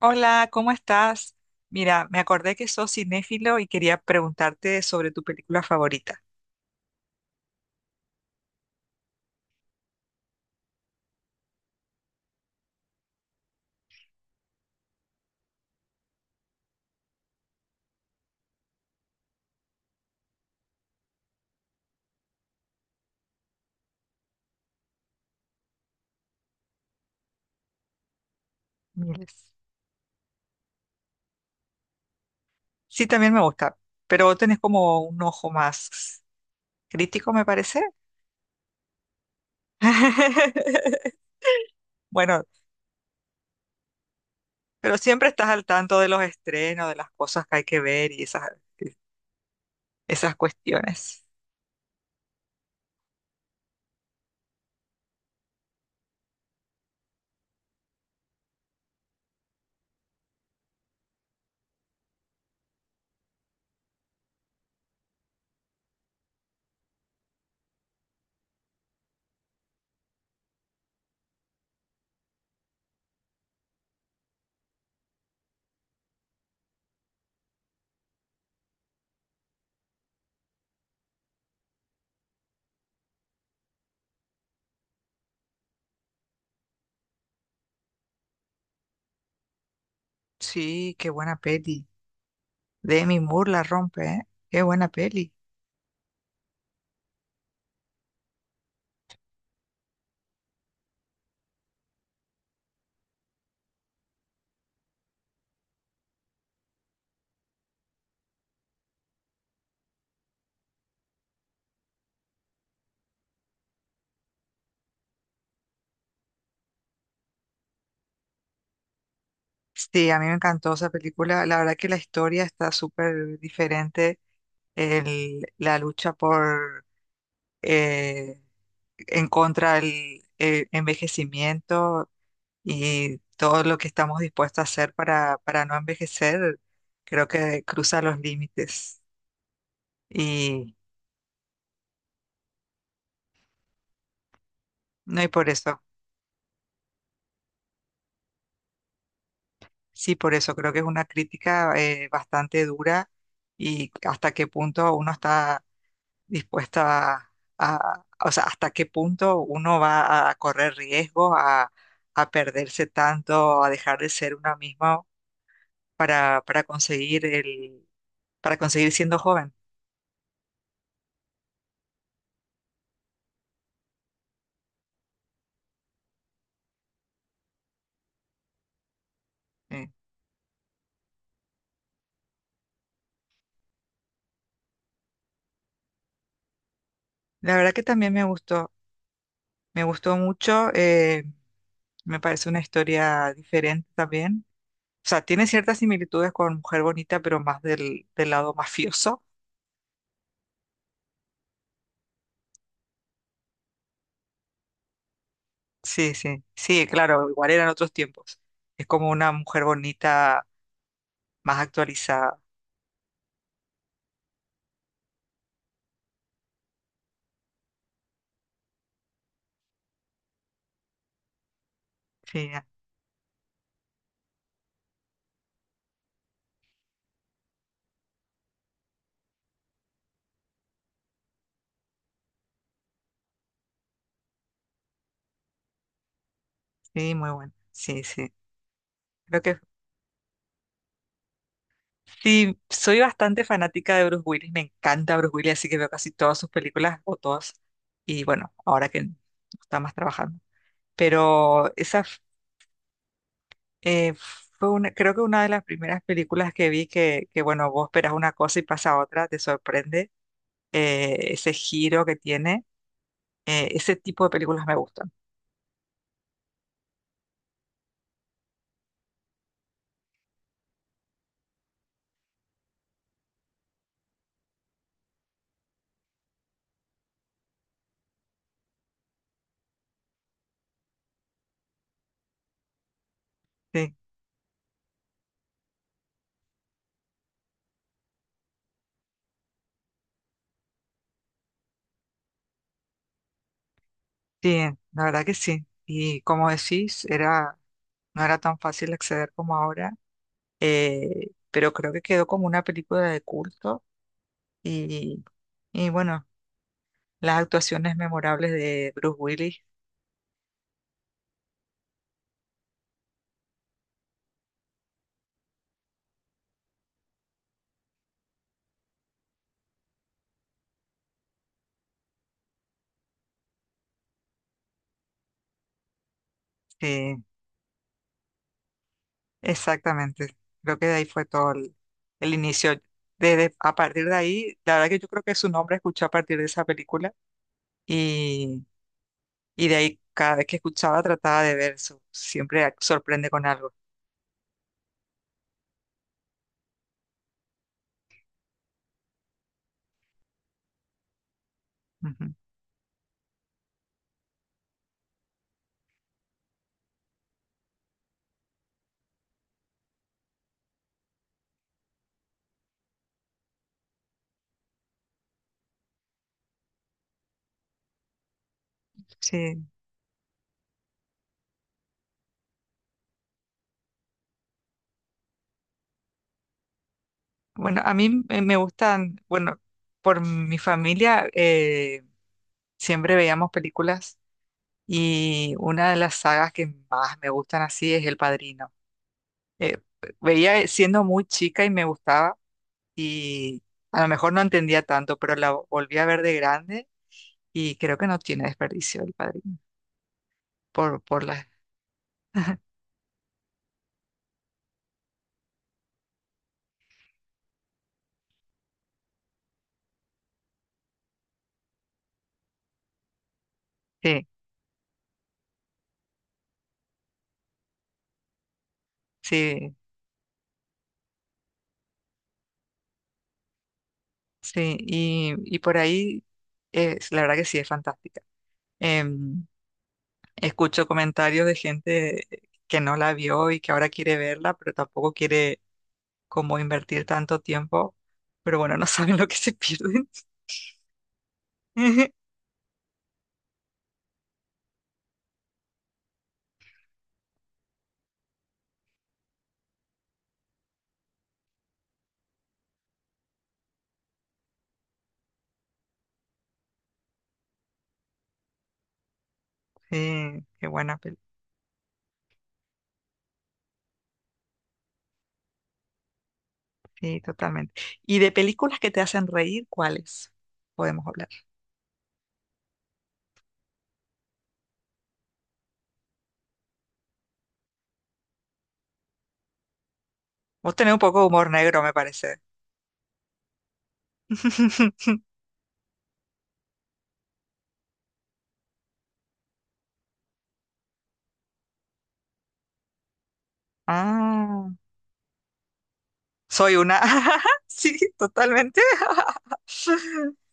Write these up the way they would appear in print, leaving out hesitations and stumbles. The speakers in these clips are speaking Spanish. Hola, ¿cómo estás? Mira, me acordé que sos cinéfilo y quería preguntarte sobre tu película favorita. Miles. Sí, también me gusta, pero vos tenés como un ojo más crítico, me parece. Bueno, pero siempre estás al tanto de los estrenos, de las cosas que hay que ver y esas cuestiones. Sí, qué buena peli. Demi Moore la rompe, ¿eh? Qué buena peli. Sí, a mí me encantó esa película. La verdad que la historia está súper diferente la lucha por eh, en contra del envejecimiento y todo lo que estamos dispuestos a hacer para no envejecer, creo que cruza los límites. Y no, y por eso, sí, por eso creo que es una crítica bastante dura y hasta qué punto uno está dispuesta a- o sea, hasta qué punto uno va a correr riesgos, a perderse tanto, a dejar de ser una misma para conseguir para conseguir siendo joven. Eh, La verdad que también me gustó mucho, me parece una historia diferente también. O sea, tiene ciertas similitudes con Mujer Bonita, pero más del lado mafioso. Sí, sí, sí, claro, igual eran otros tiempos. Es como una mujer bonita más actualizada. Sí, ah, sí, muy bueno. Sí, sí. Creo que sí, soy bastante fanática de Bruce Willis, me encanta Bruce Willis, así que veo casi todas sus películas o todas. Y bueno, ahora que no está más trabajando. Pero esa eh, fue una, creo que una de las primeras películas que vi que bueno, vos esperas una cosa y pasa otra, te sorprende ese giro que tiene. Ese tipo de películas me gustan. Sí, sí, la verdad que sí. Y como decís, era, no era tan fácil acceder como ahora pero creo que quedó como una película de culto y, y bueno, las actuaciones memorables de Bruce Willis. Eh, exactamente, creo que de ahí fue todo el inicio. Desde, a partir de ahí, la verdad que yo creo que su nombre escuché a partir de esa película y, y de ahí cada vez que escuchaba trataba de ver, su- siempre ac- sorprende con algo. Ujú. Sí, bueno, a mí me gustan, bueno, por mi familia siempre veíamos películas. Y una de las sagas que más me gustan así es El Padrino. Eh, veía siendo muy chica y me gustaba y a lo mejor no entendía tanto, pero la volví a ver de grande y creo que no tiene desperdicio El Padrino. Por la... Sí, sí, sí. Y por ahí, es, la verdad que sí es fantástica. Em, escucho comentarios de gente que no la vio y que ahora quiere verla, pero tampoco quiere cómo invertir tanto tiempo, pero bueno, no saben lo que se pierden. Sí, qué buena peli. Sí, totalmente. ¿Y de películas que te hacen reír, cuáles podemos hablar? Vos tenés un poco de humor negro, me parece. Ah, soy una. Sí, totalmente.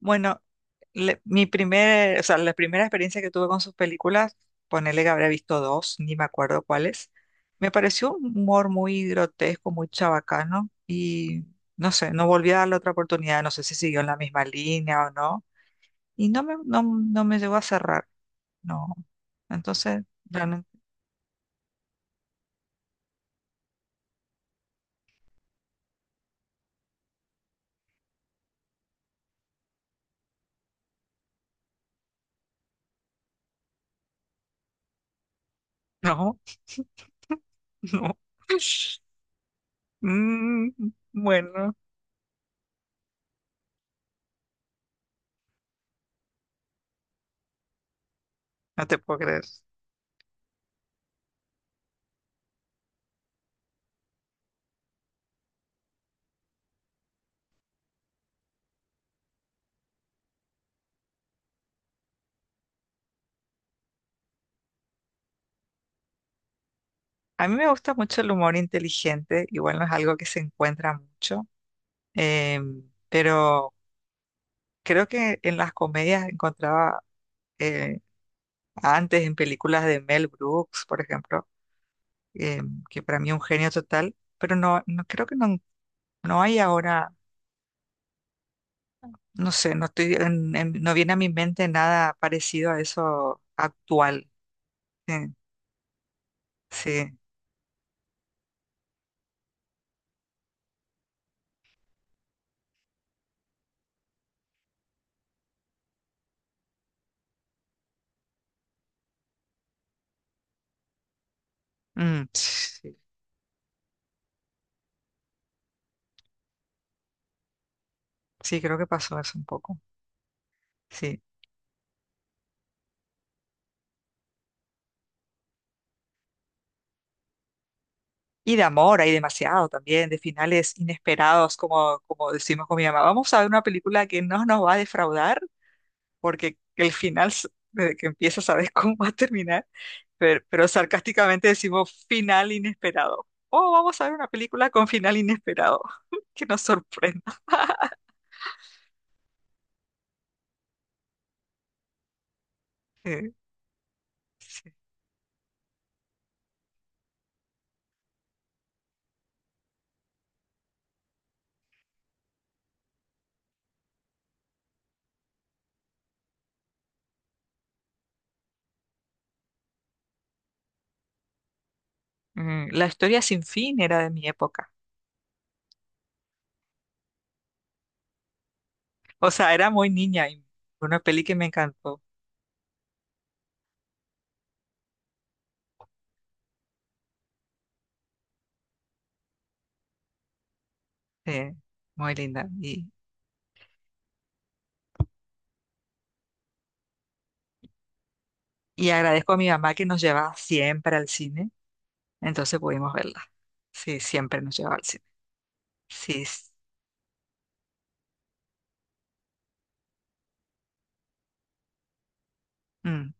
Bueno, mi primer, o sea, la primera experiencia que tuve con sus películas, ponele que habré visto dos, ni me acuerdo cuáles, me pareció un humor muy grotesco, muy chabacano y no sé, no volví a darle otra oportunidad, no sé si siguió en la misma línea o no, y no me, no, no me llegó a cerrar, no. Entonces, realmente, no, no. Mm, bueno, no te puedo creer. A mí me gusta mucho el humor inteligente, igual no es algo que se encuentra mucho. Em, pero creo que en las comedias encontraba eh, antes en películas de Mel Brooks, por ejemplo, em, que para mí es un genio total, pero no, no creo que no, no hay ahora, no sé, no estoy no viene a mi mente nada parecido a eso actual. Eh, sí, mm, sí, sí, creo que pasó eso un poco. Sí. Y de amor hay demasiado también, de finales inesperados, como, como decimos con mi mamá. Vamos a ver una película que no nos va a defraudar porque el final, s- desde que empieza, sabes cómo va a terminar, pero sarcásticamente decimos final inesperado. Oh, vamos a ver una película con final inesperado, que nos sorprenda. Eh, sí. Mm, La historia sin fin era de mi época. O sea, era muy niña y una peli que me encantó. eh, Muy linda. Y agradezco a mi mamá que nos llevaba siempre al cine. Entonces pudimos verla. Sí, siempre nos llevaba al cine. Sí. s- mm.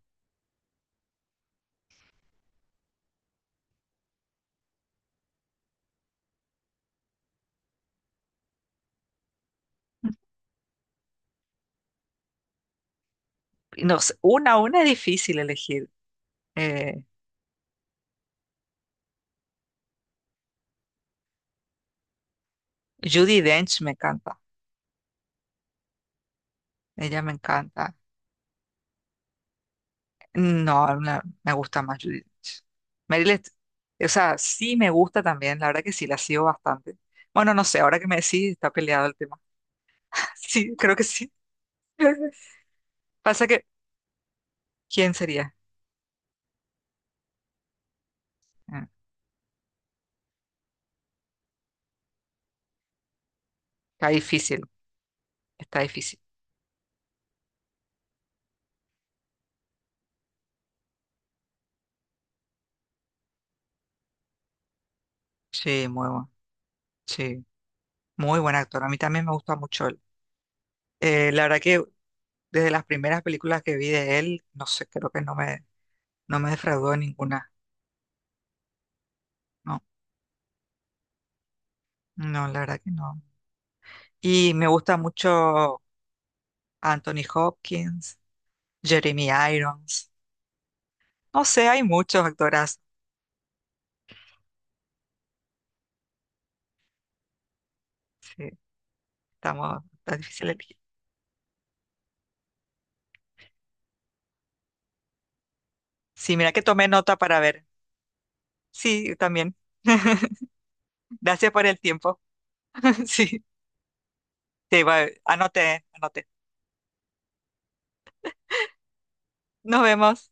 Y no sé, una a una es difícil elegir. Eh, Judi Dench me encanta. Ella me encanta. No, no, me gusta más Judi Dench. Meryl, Streep, o sea, sí me gusta también. La verdad que sí, la sigo bastante. Bueno, no sé, ahora que me decís, está peleado el tema. Sí, creo que sí. Pasa que, ¿quién sería? Eh, Está difícil, está difícil. Sí, muy bueno. Sí, muy buen actor. A mí también me gusta mucho él. La verdad que desde las primeras películas que vi de él, no sé, creo que no me, no me defraudó en ninguna. No, no, la verdad que no. Y me gusta mucho Anthony Hopkins, Jeremy Irons. No sé, hay muchos actoras. Sí, estamos, está difícil elegir. Sí, mira que tomé nota para ver. Sí, yo también. Gracias por el tiempo. Sí, sí, va, anoté, anoté. Nos vemos.